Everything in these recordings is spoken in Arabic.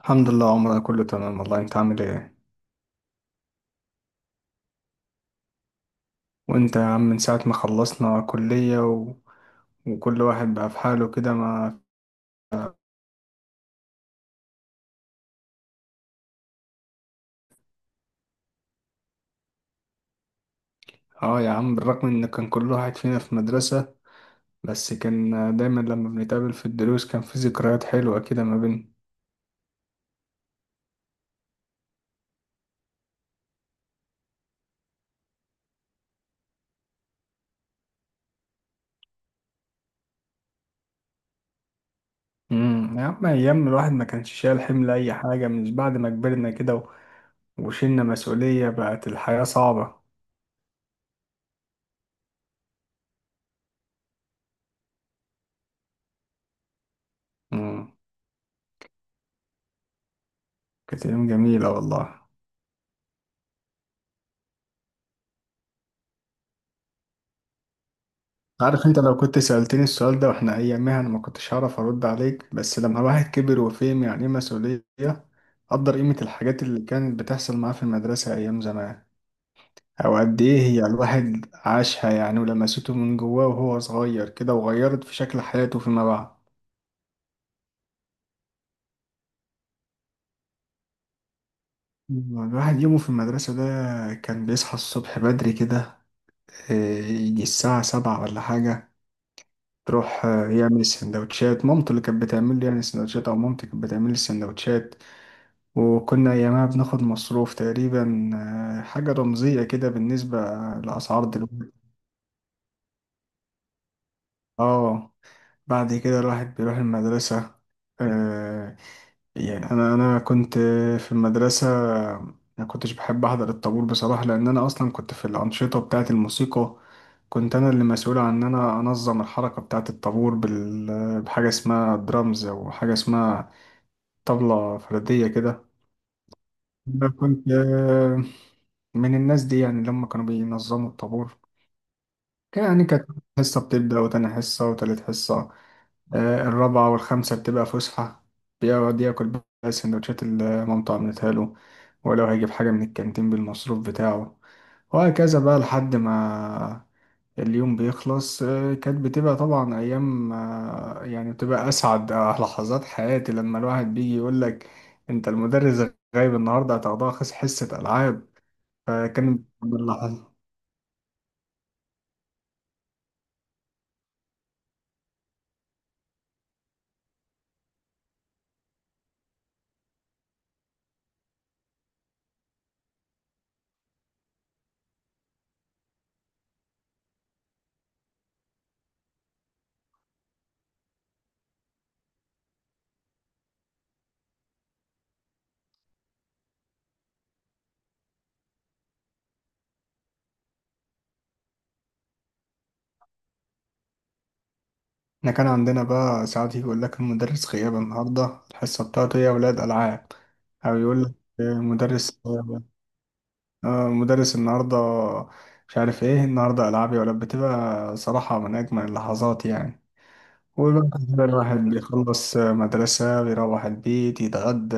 الحمد لله، عمرنا كله تمام والله. انت عامل ايه؟ وانت يا عم من ساعة ما خلصنا كلية وكل واحد بقى في حاله كده ما. اه يا عم، بالرغم ان كان كل واحد فينا في مدرسة، بس كان دايما لما بنتقابل في الدروس كان في ذكريات حلوة كده ما بيننا. يا عم، ايام الواحد ما كانش شايل حمل اي حاجة، مش بعد ما كبرنا كده وشلنا مسؤولية بقت الحياة صعبة. امم كانت ايام جميلة والله. عارف انت، لو كنت سألتني السؤال ده واحنا ايامها انا ما كنتش هعرف ارد عليك، بس لما الواحد كبر وفهم يعني ايه مسؤولية قدر قيمة الحاجات اللي كانت بتحصل معاه في المدرسة ايام زمان. او قد ايه هي الواحد عاشها يعني، ولمسته من جواه وهو صغير كده وغيرت في شكل حياته فيما بعد. الواحد يومه في المدرسة ده كان بيصحى الصبح بدري كده. اه، يجي الساعة 7 ولا حاجة. تروح يعمل السندوتشات مامته اللي كانت بتعمل لي يعني السندوتشات، او مامتي كانت بتعمل لي السندوتشات. وكنا أيامها بناخد مصروف تقريبا، حاجة رمزية كده بالنسبة لأسعار دلوقتي. اه، بعد كده الواحد بيروح المدرسة. آه يعني أنا كنت في المدرسة، ما كنتش بحب أحضر الطابور بصراحة، لأن أنا أصلا كنت في الأنشطة بتاعة الموسيقى. كنت أنا اللي مسؤول عن إن أنا أنظم الحركة بتاعة الطابور بحاجة اسمها درامز أو حاجة اسمها طبلة فردية كده. أنا كنت من الناس دي، يعني لما كانوا بينظموا الطابور يعني كانت حصة بتبدأ وتاني حصة وتالت حصة، الرابعة والخامسة بتبقى فسحة. بيقعد ياكل بقى سندوتشات اللي مامته عملتها له، ولو هيجيب حاجة من الكانتين بالمصروف بتاعه. وهكذا بقى لحد ما اليوم بيخلص. كانت بتبقى طبعا أيام، يعني بتبقى أسعد لحظات حياتي لما الواحد بيجي يقولك أنت المدرس غايب النهاردة هتاخدها حصة ألعاب. فكان احنا كان عندنا بقى ساعات يجي يقول لك المدرس غياب النهارده الحصة بتاعته هي أولاد ألعاب. أو يقول لك مدرس مدرس النهارده مش عارف ايه النهارده ألعاب يا ولاد. بتبقى صراحة من أجمل اللحظات يعني. وبقى كده الواحد بيخلص مدرسة بيروح البيت يتغدى.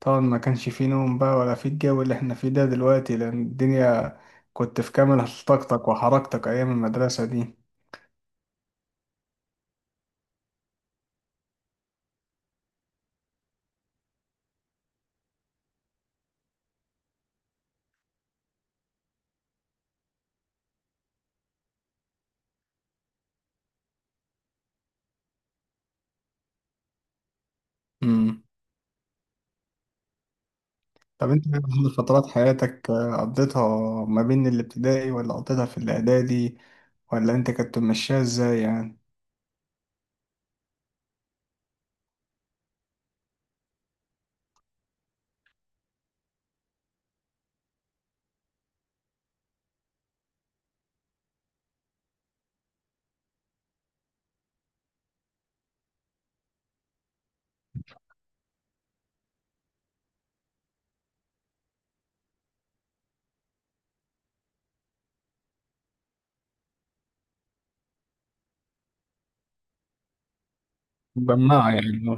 طبعا ما كانش فيه نوم بقى ولا فيه الجو اللي احنا فيه ده دلوقتي، لأن الدنيا كنت في كامل طاقتك وحركتك أيام المدرسة دي. مم. طب انت هل فترات حياتك قضيتها ما بين الابتدائي، ولا قضيتها في الاعدادي، ولا انت كنت ماشيها ازاي يعني؟ بماعة يعني.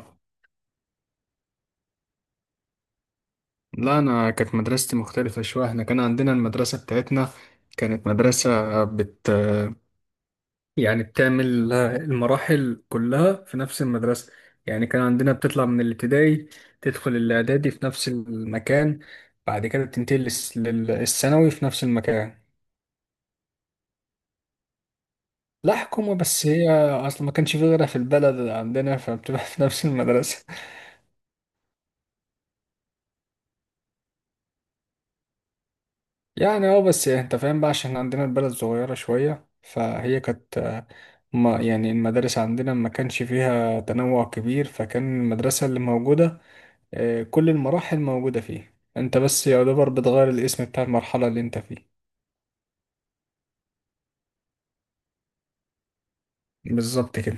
لا، أنا كانت مدرستي مختلفة شوية. إحنا كان عندنا المدرسة بتاعتنا كانت مدرسة بت يعني بتعمل المراحل كلها في نفس المدرسة. يعني كان عندنا بتطلع من الابتدائي تدخل الإعدادي في نفس المكان، بعد كده بتنتقل للثانوي في نفس المكان. لا حكومة، بس هي أصلا ما كانش في غيرها في البلد عندنا فبتبقى في نفس المدرسة يعني اه، بس أنت فاهم بقى، عشان عندنا البلد صغيرة شوية، فهي كانت ما يعني المدارس عندنا ما كانش فيها تنوع كبير، فكان المدرسة اللي موجودة كل المراحل موجودة فيه. أنت بس يعتبر بتغير الاسم بتاع المرحلة اللي أنت فيه. بالظبط كده.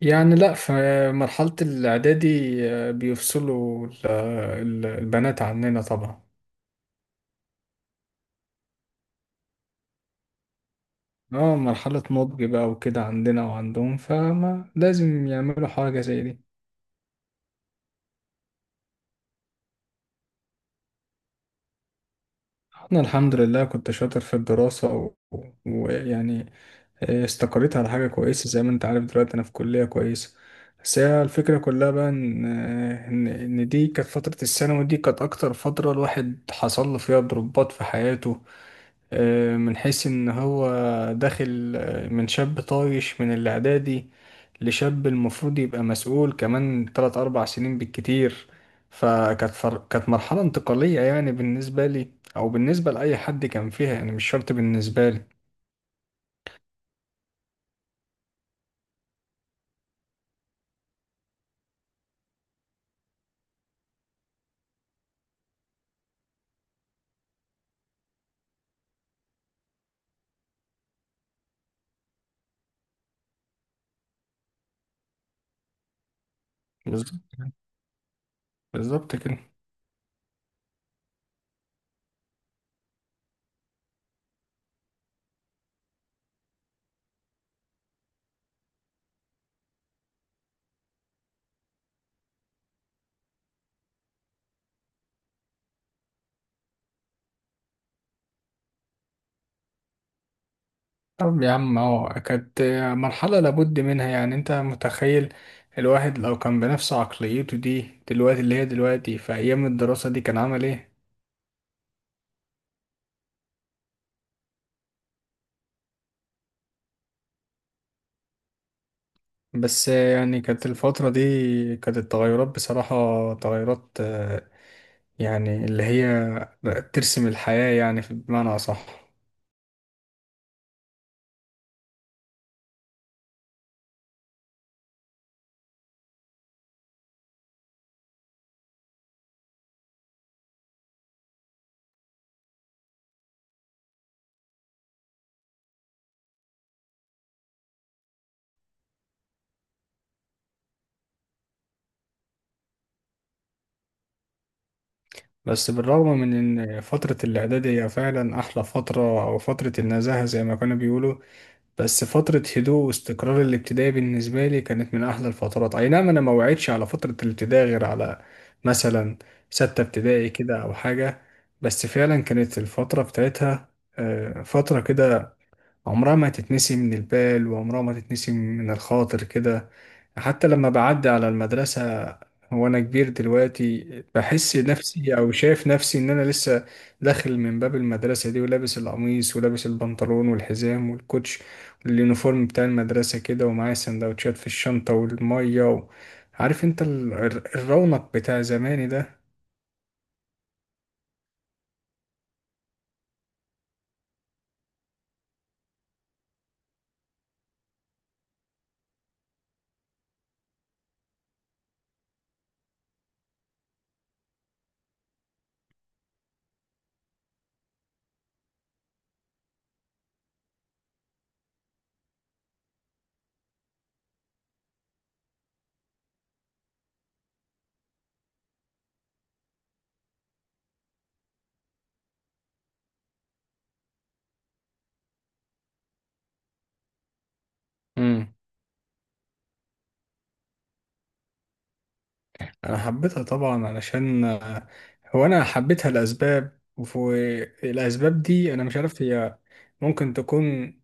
يعني لا، في مرحلة الإعدادي بيفصلوا البنات عننا طبعا. اه، مرحلة نضج بقى وكده عندنا وعندهم، فما لازم يعملوا حاجة زي دي. انا الحمد لله كنت شاطر في الدراسة ويعني استقريت على حاجة كويسة زي ما انت عارف. دلوقتي انا في كلية كويسة. بس هي الفكرة كلها بقى ان آه، ان إن دي كانت فترة الثانوي. دي كانت اكتر فترة الواحد حصل له فيها ضربات في حياته. من حيث ان هو داخل من شاب طايش من الاعدادي لشاب المفروض يبقى مسؤول، كمان 3 4 سنين بالكتير. كانت مرحلة انتقالية يعني بالنسبة لي، او بالنسبة لأي حد كان فيها، يعني مش شرط بالنسبة لي. بالظبط. بالظبط كده. طب يا عم، اهو كانت مرحلة لابد منها. يعني انت متخيل الواحد لو كان بنفس عقليته دي دلوقتي اللي هي دلوقتي في ايام الدراسة دي كان عمل ايه؟ بس يعني كانت الفترة دي كانت التغيرات بصراحة تغيرات، يعني اللي هي بقت ترسم الحياة يعني، في بمعنى أصح. بس بالرغم من إن فترة الإعدادية فعلا أحلى فترة، أو فترة النزاهة زي ما كانوا بيقولوا، بس فترة هدوء واستقرار الابتدائي بالنسبة لي كانت من أحلى الفترات. أي نعم، أنا ما وعدتش على فترة الابتدائي غير على مثلا ستة ابتدائي كده أو حاجة. بس فعلا كانت الفترة بتاعتها فترة كده عمرها ما تتنسي من البال، وعمرها ما تتنسي من الخاطر كده. حتى لما بعدي على المدرسة وأنا كبير دلوقتي، بحس نفسي أو شايف نفسي إن أنا لسه داخل من باب المدرسة دي، ولابس القميص ولابس البنطلون والحزام والكوتش واليونيفورم بتاع المدرسة كده، ومعايا سندوتشات في الشنطة والمية عارف أنت الرونق بتاع زماني ده. مم. انا حبيتها طبعا علشان هو انا حبيتها لاسباب، والاسباب دي انا مش عارف، هي ممكن تكون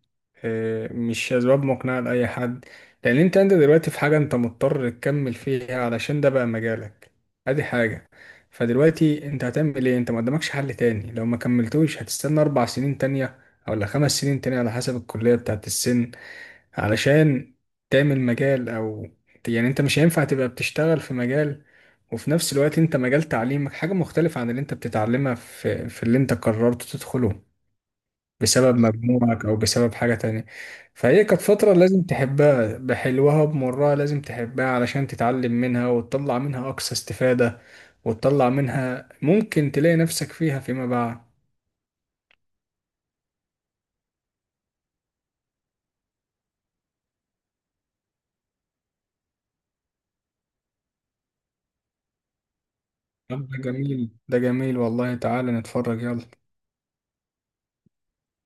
مش اسباب مقنعه لاي حد. لان انت دلوقتي في حاجه انت مضطر تكمل فيها علشان ده بقى مجالك. ادي حاجه. فدلوقتي انت هتعمل ايه؟ انت ما قدامكش حل تاني. لو ما كملتوش هتستنى 4 سنين تانية ولا 5 سنين تانية على حسب الكليه بتاعت السن، علشان تعمل مجال. او يعني انت مش هينفع تبقى بتشتغل في مجال وفي نفس الوقت انت مجال تعليمك حاجة مختلفة عن اللي انت بتتعلمها في, في اللي انت قررت تدخله بسبب مجموعك او بسبب حاجة تانية. فهي كانت فترة لازم تحبها بحلوها بمرها، لازم تحبها علشان تتعلم منها وتطلع منها اقصى استفادة، وتطلع منها ممكن تلاقي نفسك فيها فيما بعد. طب ده جميل، ده جميل والله، تعالى نتفرج، يلا.